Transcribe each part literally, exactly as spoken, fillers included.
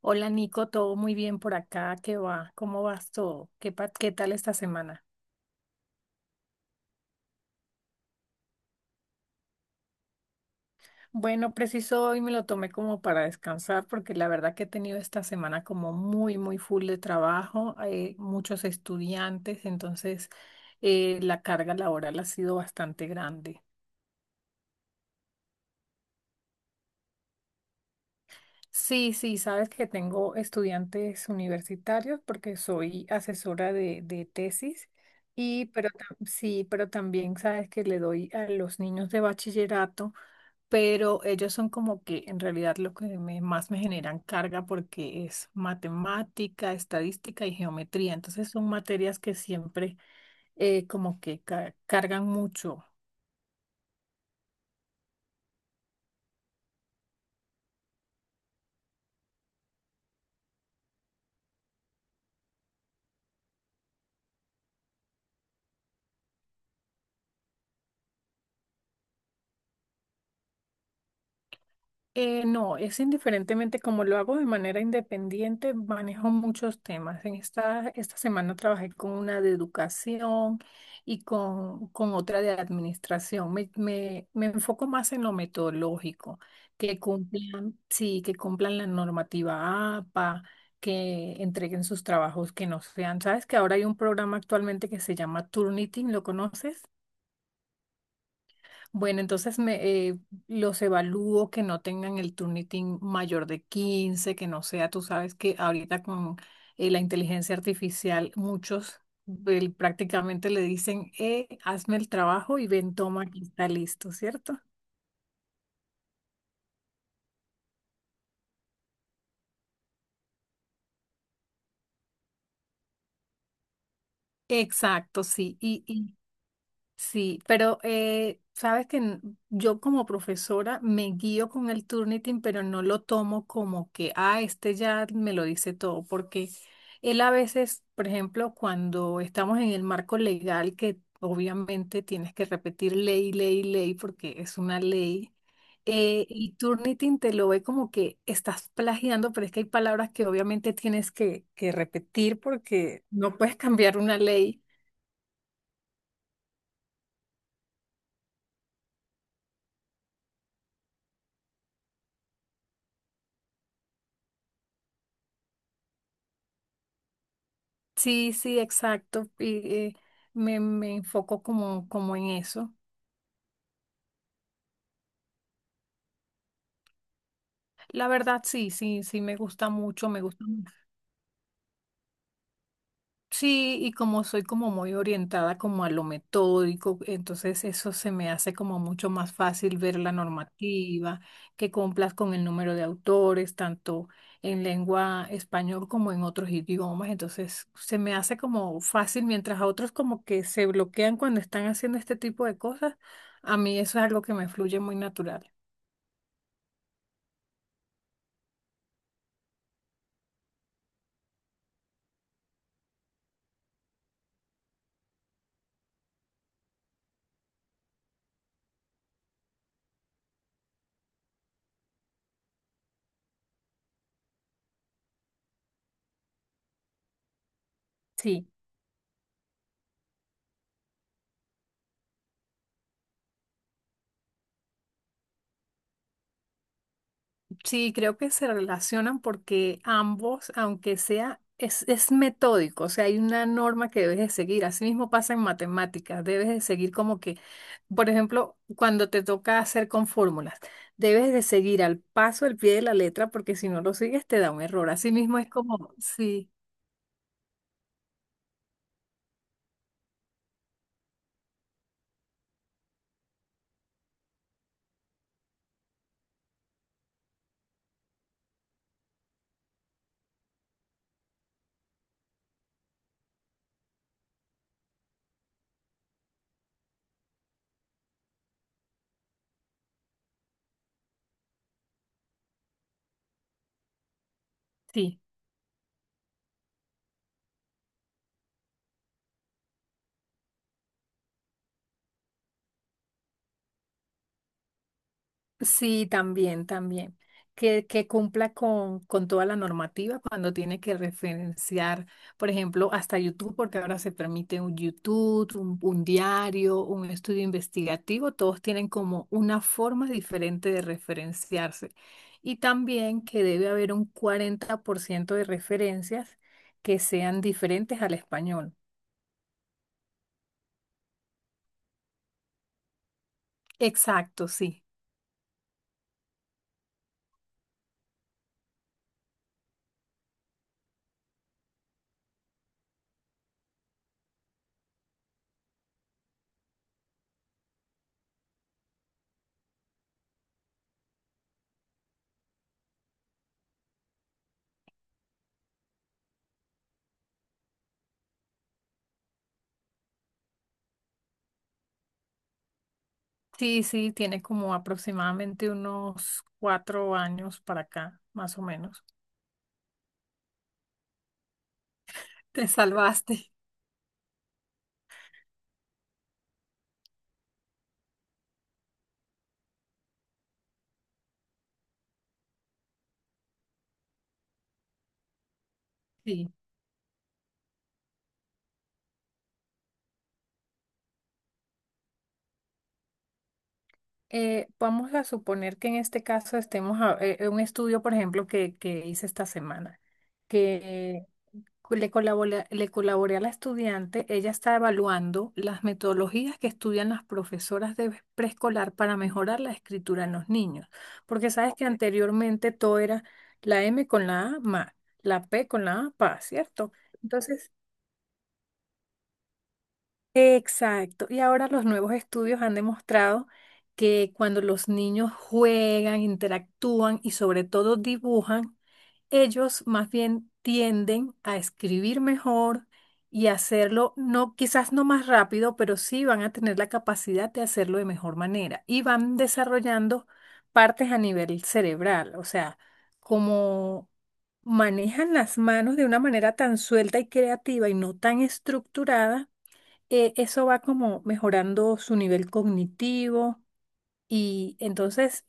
Hola Nico, todo muy bien por acá, ¿qué va? ¿Cómo vas todo? ¿Qué, pa- ¿qué tal esta semana? Bueno, preciso hoy me lo tomé como para descansar porque la verdad que he tenido esta semana como muy, muy full de trabajo, hay muchos estudiantes, entonces eh, la carga laboral ha sido bastante grande. Sí, sí, sabes que tengo estudiantes universitarios porque soy asesora de, de tesis. Y, pero tam- sí, pero también sabes que le doy a los niños de bachillerato, pero ellos son como que en realidad lo que me- más me generan carga porque es matemática, estadística y geometría. Entonces son materias que siempre, eh, como que ca- cargan mucho. Eh, no, es indiferentemente, como lo hago de manera independiente, manejo muchos temas. En esta, esta semana trabajé con una de educación y con, con otra de administración. Me, me, me enfoco más en lo metodológico, que cumplan, sí, que cumplan la normativa A P A, que entreguen sus trabajos, que no sean. ¿Sabes que ahora hay un programa actualmente que se llama Turnitin? ¿Lo conoces? Bueno, entonces me, eh, los evalúo que no tengan el Turnitin mayor de quince, que no sea, tú sabes que ahorita con, eh, la inteligencia artificial, muchos eh, prácticamente le dicen, eh, hazme el trabajo y ven, toma, aquí está listo, ¿cierto? Exacto, sí. Y, sí, pero eh, sabes que n- yo como profesora me guío con el Turnitin, pero no lo tomo como que, ah, este ya me lo dice todo, porque él a veces, por ejemplo, cuando estamos en el marco legal, que obviamente tienes que repetir ley, ley, ley, porque es una ley, eh, y Turnitin te lo ve como que estás plagiando, pero es que hay palabras que obviamente tienes que, que repetir porque no puedes cambiar una ley. Sí, sí, exacto. Y, eh, me, me enfoco como, como en eso. La verdad, sí, sí, sí, me gusta mucho, me gusta. Sí, y como soy como muy orientada como a lo metódico, entonces eso se me hace como mucho más fácil ver la normativa, que cumplas con el número de autores, tanto en lengua español como en otros idiomas, entonces se me hace como fácil, mientras a otros como que se bloquean cuando están haciendo este tipo de cosas, a mí eso es algo que me fluye muy natural. Sí. Sí, creo que se relacionan porque ambos, aunque sea, es, es metódico, o sea, hay una norma que debes de seguir. Así mismo pasa en matemáticas, debes de seguir como que, por ejemplo, cuando te toca hacer con fórmulas, debes de seguir al paso del pie de la letra porque si no lo sigues te da un error. Así mismo es como, sí, sí. Sí, también, también. Que, que cumpla con, con toda la normativa cuando tiene que referenciar, por ejemplo, hasta YouTube, porque ahora se permite un YouTube, un, un diario, un estudio investigativo, todos tienen como una forma diferente de referenciarse. Y también que debe haber un cuarenta por ciento de referencias que sean diferentes al español. Exacto, sí. Sí, sí, tiene como aproximadamente unos cuatro años para acá, más o menos. Te salvaste. Sí. Eh, vamos a suponer que en este caso estemos a- eh, en un estudio, por ejemplo, que, que hice esta semana, que le colaboré, le colaboré a la estudiante, ella está evaluando las metodologías que estudian las profesoras de preescolar para mejorar la escritura en los niños, porque sabes que, ok, anteriormente todo era la M con la A, ma, la P con la A, pa, ¿cierto? Entonces, exacto. Y ahora los nuevos estudios han demostrado que cuando los niños juegan, interactúan y sobre todo dibujan, ellos más bien tienden a escribir mejor y hacerlo, no, quizás no más rápido, pero sí van a tener la capacidad de hacerlo de mejor manera y van desarrollando partes a nivel cerebral, o sea, como manejan las manos de una manera tan suelta y creativa y no tan estructurada, eh, eso va como mejorando su nivel cognitivo y entonces,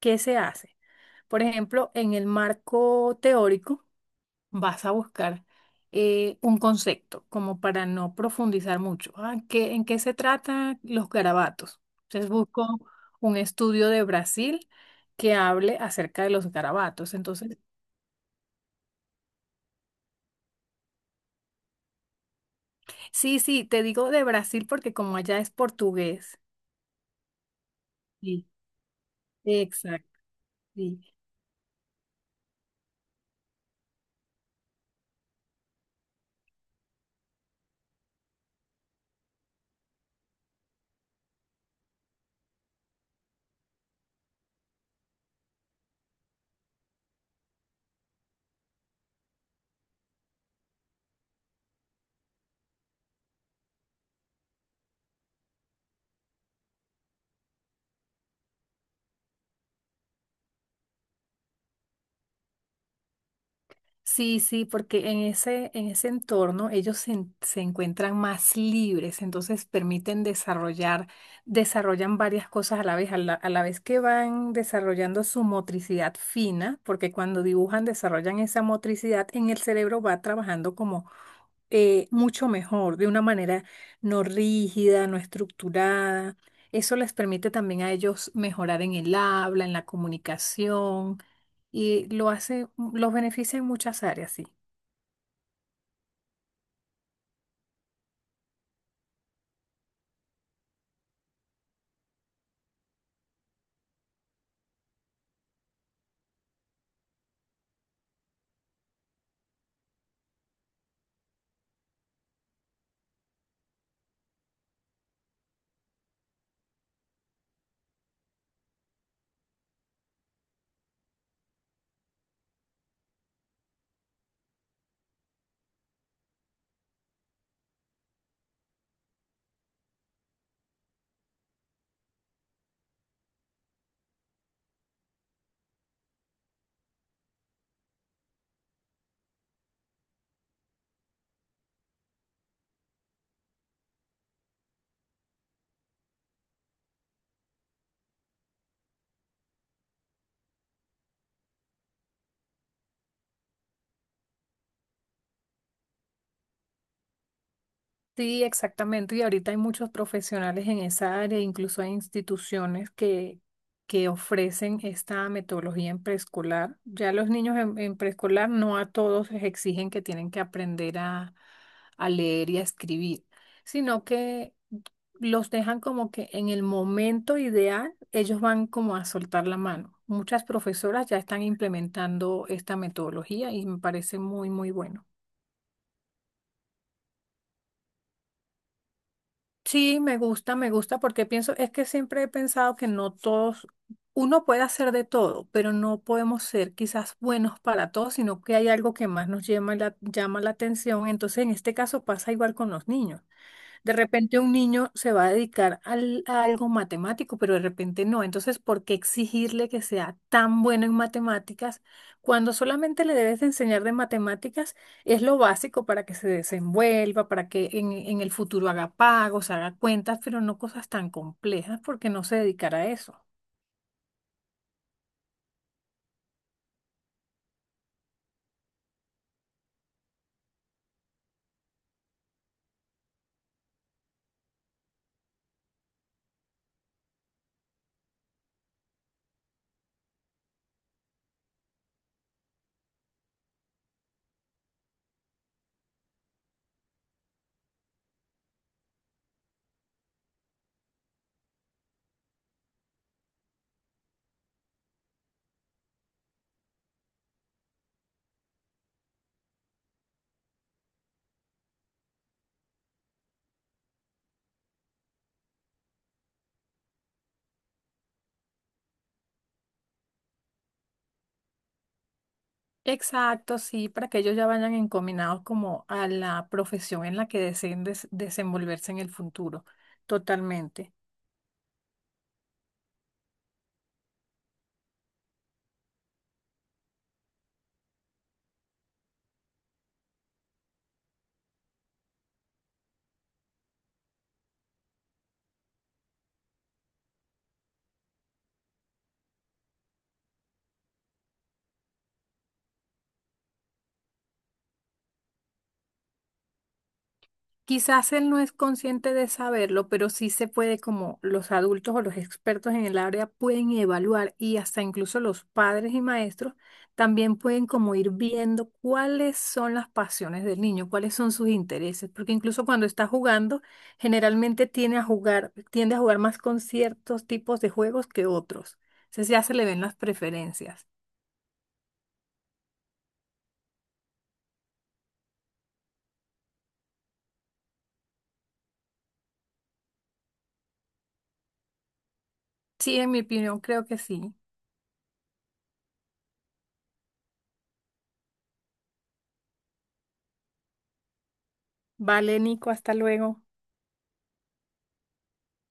¿qué se hace? Por ejemplo, en el marco teórico vas a buscar eh, un concepto como para no profundizar mucho. Ah, ¿qué, en qué se tratan los garabatos? Entonces busco un estudio de Brasil que hable acerca de los garabatos. Entonces, sí, sí, te digo de Brasil porque como allá es portugués. Sí, exacto. Sí. Sí, sí, porque en ese, en ese entorno ellos se, en- se encuentran más libres, entonces permiten desarrollar, desarrollan varias cosas a la vez, a la, a la vez que van desarrollando su motricidad fina, porque cuando dibujan desarrollan esa motricidad, en el cerebro va trabajando como eh, mucho mejor, de una manera no rígida, no estructurada. Eso les permite también a ellos mejorar en el habla, en la comunicación y lo hace, los beneficia en muchas áreas, sí. Sí, exactamente. Y ahorita hay muchos profesionales en esa área, incluso hay instituciones que, que ofrecen esta metodología en preescolar. Ya los niños en, en preescolar, no a todos les exigen que tienen que aprender a, a leer y a escribir, sino que los dejan como que en el momento ideal ellos van como a soltar la mano. Muchas profesoras ya están implementando esta metodología y me parece muy, muy bueno. Sí, me gusta, me gusta, porque pienso, es que siempre he pensado que no todos, uno puede hacer de todo, pero no podemos ser quizás buenos para todos, sino que hay algo que más nos llama la, llama la atención. Entonces, en este caso pasa igual con los niños. De repente un niño se va a dedicar al- a algo matemático, pero de repente no. Entonces, ¿por qué exigirle que sea tan bueno en matemáticas cuando solamente le debes de enseñar de matemáticas? Es lo básico para que se desenvuelva, para que en, en el futuro haga pagos, haga cuentas, pero no cosas tan complejas porque no se dedicará a eso. Exacto, sí, para que ellos ya vayan encaminados como a la profesión en la que deseen des- desenvolverse en el futuro. Totalmente. Quizás él no es consciente de saberlo, pero sí se puede, como los adultos o los expertos en el área pueden evaluar y hasta incluso los padres y maestros también pueden como ir viendo cuáles son las pasiones del niño, cuáles son sus intereses, porque incluso cuando está jugando, generalmente tiende a jugar, tiende a jugar más con ciertos tipos de juegos que otros. Entonces ya se le ven las preferencias. Sí, en mi opinión, creo que sí. Vale, Nico, hasta luego.